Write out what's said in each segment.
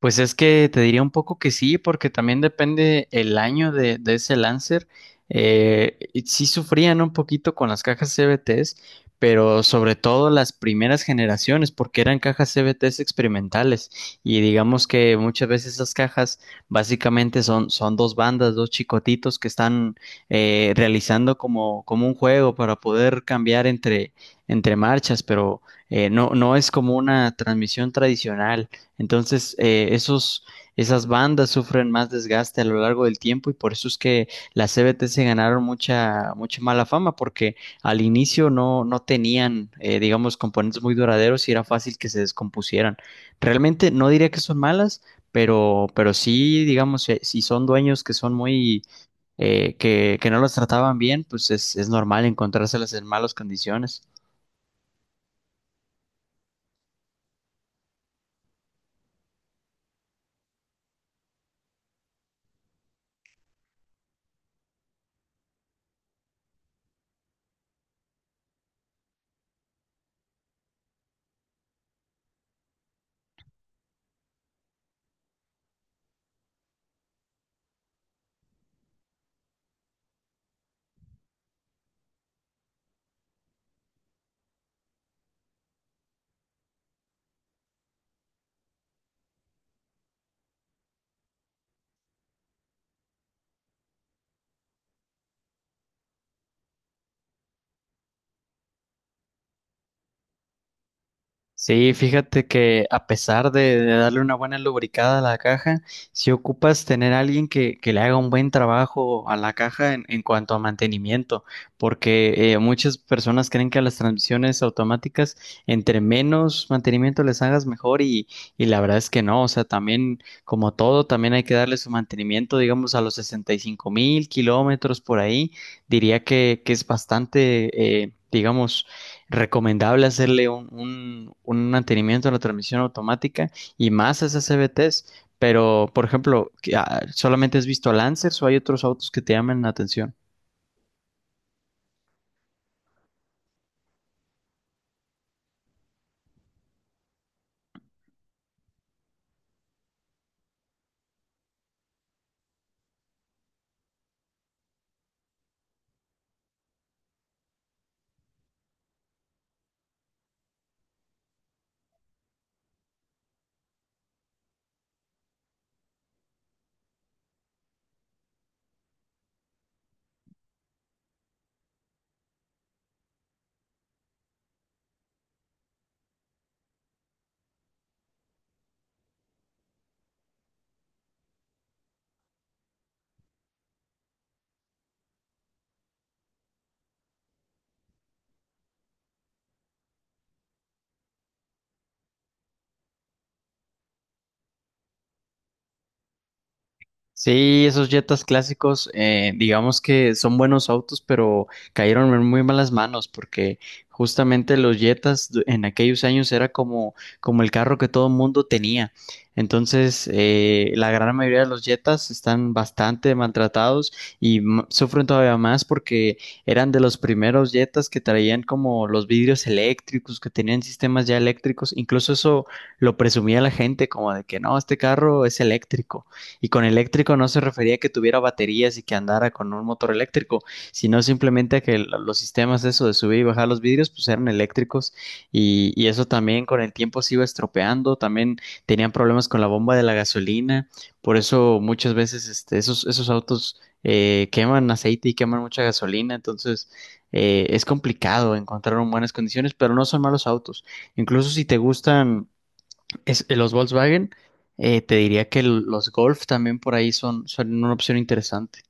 Pues es que te diría un poco que sí, porque también depende el año de ese Lancer. Y sí sufrían un poquito con las cajas CVTs, pero sobre todo las primeras generaciones, porque eran cajas CVTs experimentales. Y digamos que muchas veces esas cajas básicamente son dos bandas, dos chicotitos que están realizando como un juego para poder cambiar entre marchas, pero no es como una transmisión tradicional. Entonces, esas bandas sufren más desgaste a lo largo del tiempo y por eso es que las CBT se ganaron mucha, mucha mala fama, porque al inicio no tenían, digamos, componentes muy duraderos y era fácil que se descompusieran. Realmente no diría que son malas, pero sí, digamos, si son dueños que son muy, que no los trataban bien, pues es normal encontrárselas en malas condiciones. Sí, fíjate que a pesar de darle una buena lubricada a la caja, si ocupas tener a alguien que le haga un buen trabajo a la caja en cuanto a mantenimiento, porque muchas personas creen que a las transmisiones automáticas, entre menos mantenimiento les hagas mejor y la verdad es que no, o sea, también como todo, también hay que darle su mantenimiento, digamos, a los 65 mil kilómetros por ahí, diría que es bastante, digamos, recomendable hacerle un mantenimiento a la transmisión automática y más a esas CVTs. Pero, por ejemplo, ¿solamente has visto Lancers o hay otros autos que te llaman la atención? Sí, esos Jetas clásicos, digamos que son buenos autos, pero cayeron en muy malas manos porque justamente los Jetas en aquellos años era como el carro que todo el mundo tenía. Entonces, la gran mayoría de los Jetas están bastante maltratados y sufren todavía más porque eran de los primeros Jetas que traían como los vidrios eléctricos, que tenían sistemas ya eléctricos. Incluso eso lo presumía la gente como de que no, este carro es eléctrico. Y con eléctrico no se refería a que tuviera baterías y que andara con un motor eléctrico, sino simplemente a que los sistemas eso de subir y bajar los vidrios pues eran eléctricos y eso también con el tiempo se iba estropeando, también tenían problemas con la bomba de la gasolina, por eso muchas veces esos autos queman aceite y queman mucha gasolina, entonces es complicado encontrar en buenas condiciones, pero no son malos autos. Incluso si te gustan los Volkswagen, te diría que los Golf también por ahí son una opción interesante.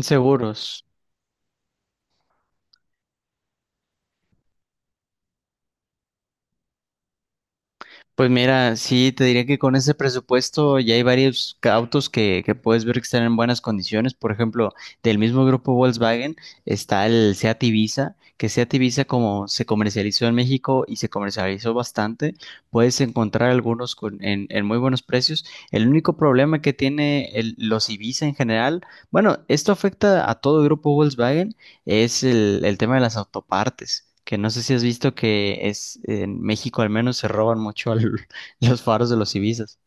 Seguros. Pues mira, sí, te diría que con ese presupuesto ya hay varios autos que puedes ver que están en buenas condiciones. Por ejemplo, del mismo grupo Volkswagen está el Seat Ibiza, que Seat Ibiza como se comercializó en México y se comercializó bastante, puedes encontrar algunos en muy buenos precios. El único problema que tiene los Ibiza en general, bueno, esto afecta a todo grupo Volkswagen, es el tema de las autopartes, que no sé si has visto que es en México al menos se roban mucho los faros de los Ibizas.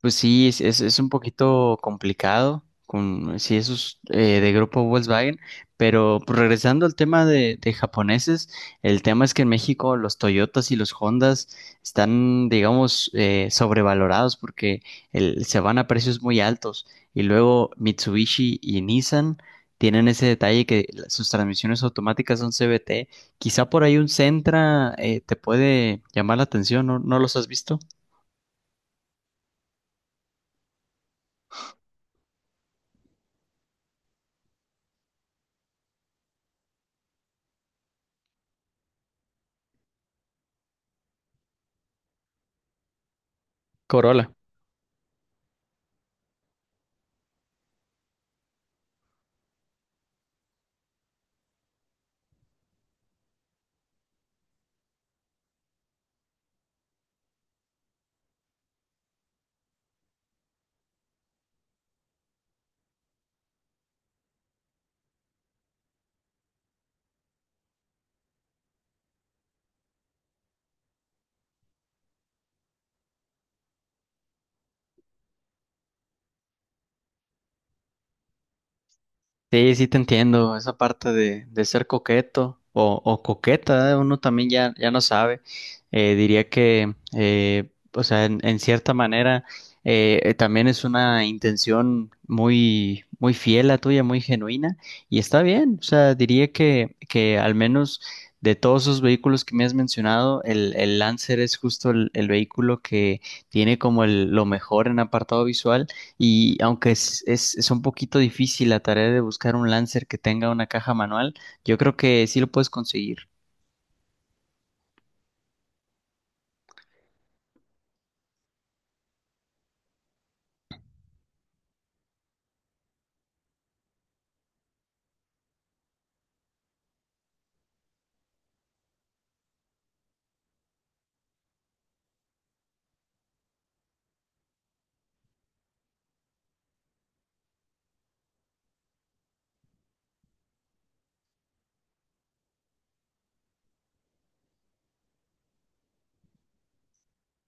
Pues sí, es un poquito complicado con si esos de grupo Volkswagen, pero pues, regresando al tema de japoneses, el tema es que en México los Toyotas y los Hondas están, digamos, sobrevalorados porque se van a precios muy altos y luego Mitsubishi y Nissan tienen ese detalle que sus transmisiones automáticas son CVT. Quizá por ahí un Sentra te puede llamar la atención, ¿no? ¿No los has visto? Corolla. Sí, sí te entiendo, esa parte de ser coqueto o coqueta, ¿eh? Uno también ya, ya no sabe. Diría que, o sea, en cierta manera, también es una intención muy, muy fiel a tuya, muy genuina, y está bien, o sea, diría que al menos de todos esos vehículos que me has mencionado, el Lancer es justo el vehículo que tiene como lo mejor en apartado visual y aunque es un poquito difícil la tarea de buscar un Lancer que tenga una caja manual, yo creo que sí lo puedes conseguir.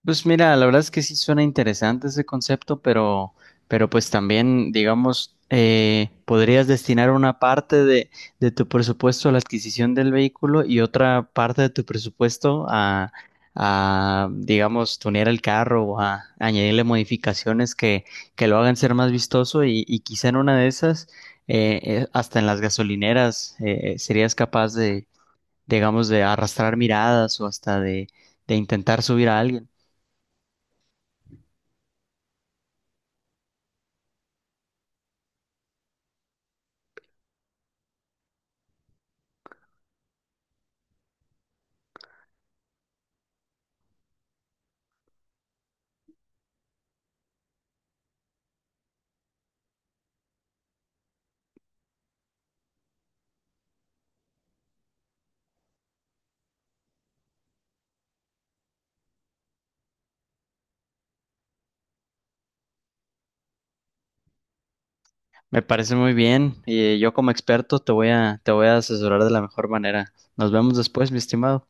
Pues mira, la verdad es que sí suena interesante ese concepto, pero pues también, digamos, podrías destinar una parte de tu presupuesto a la adquisición del vehículo y otra parte de tu presupuesto a digamos, tunear el carro o a añadirle modificaciones que lo hagan ser más vistoso y quizá en una de esas, hasta en las gasolineras, serías capaz de, digamos, de arrastrar miradas o hasta de intentar subir a alguien. Me parece muy bien y yo como experto te voy a asesorar de la mejor manera. Nos vemos después, mi estimado.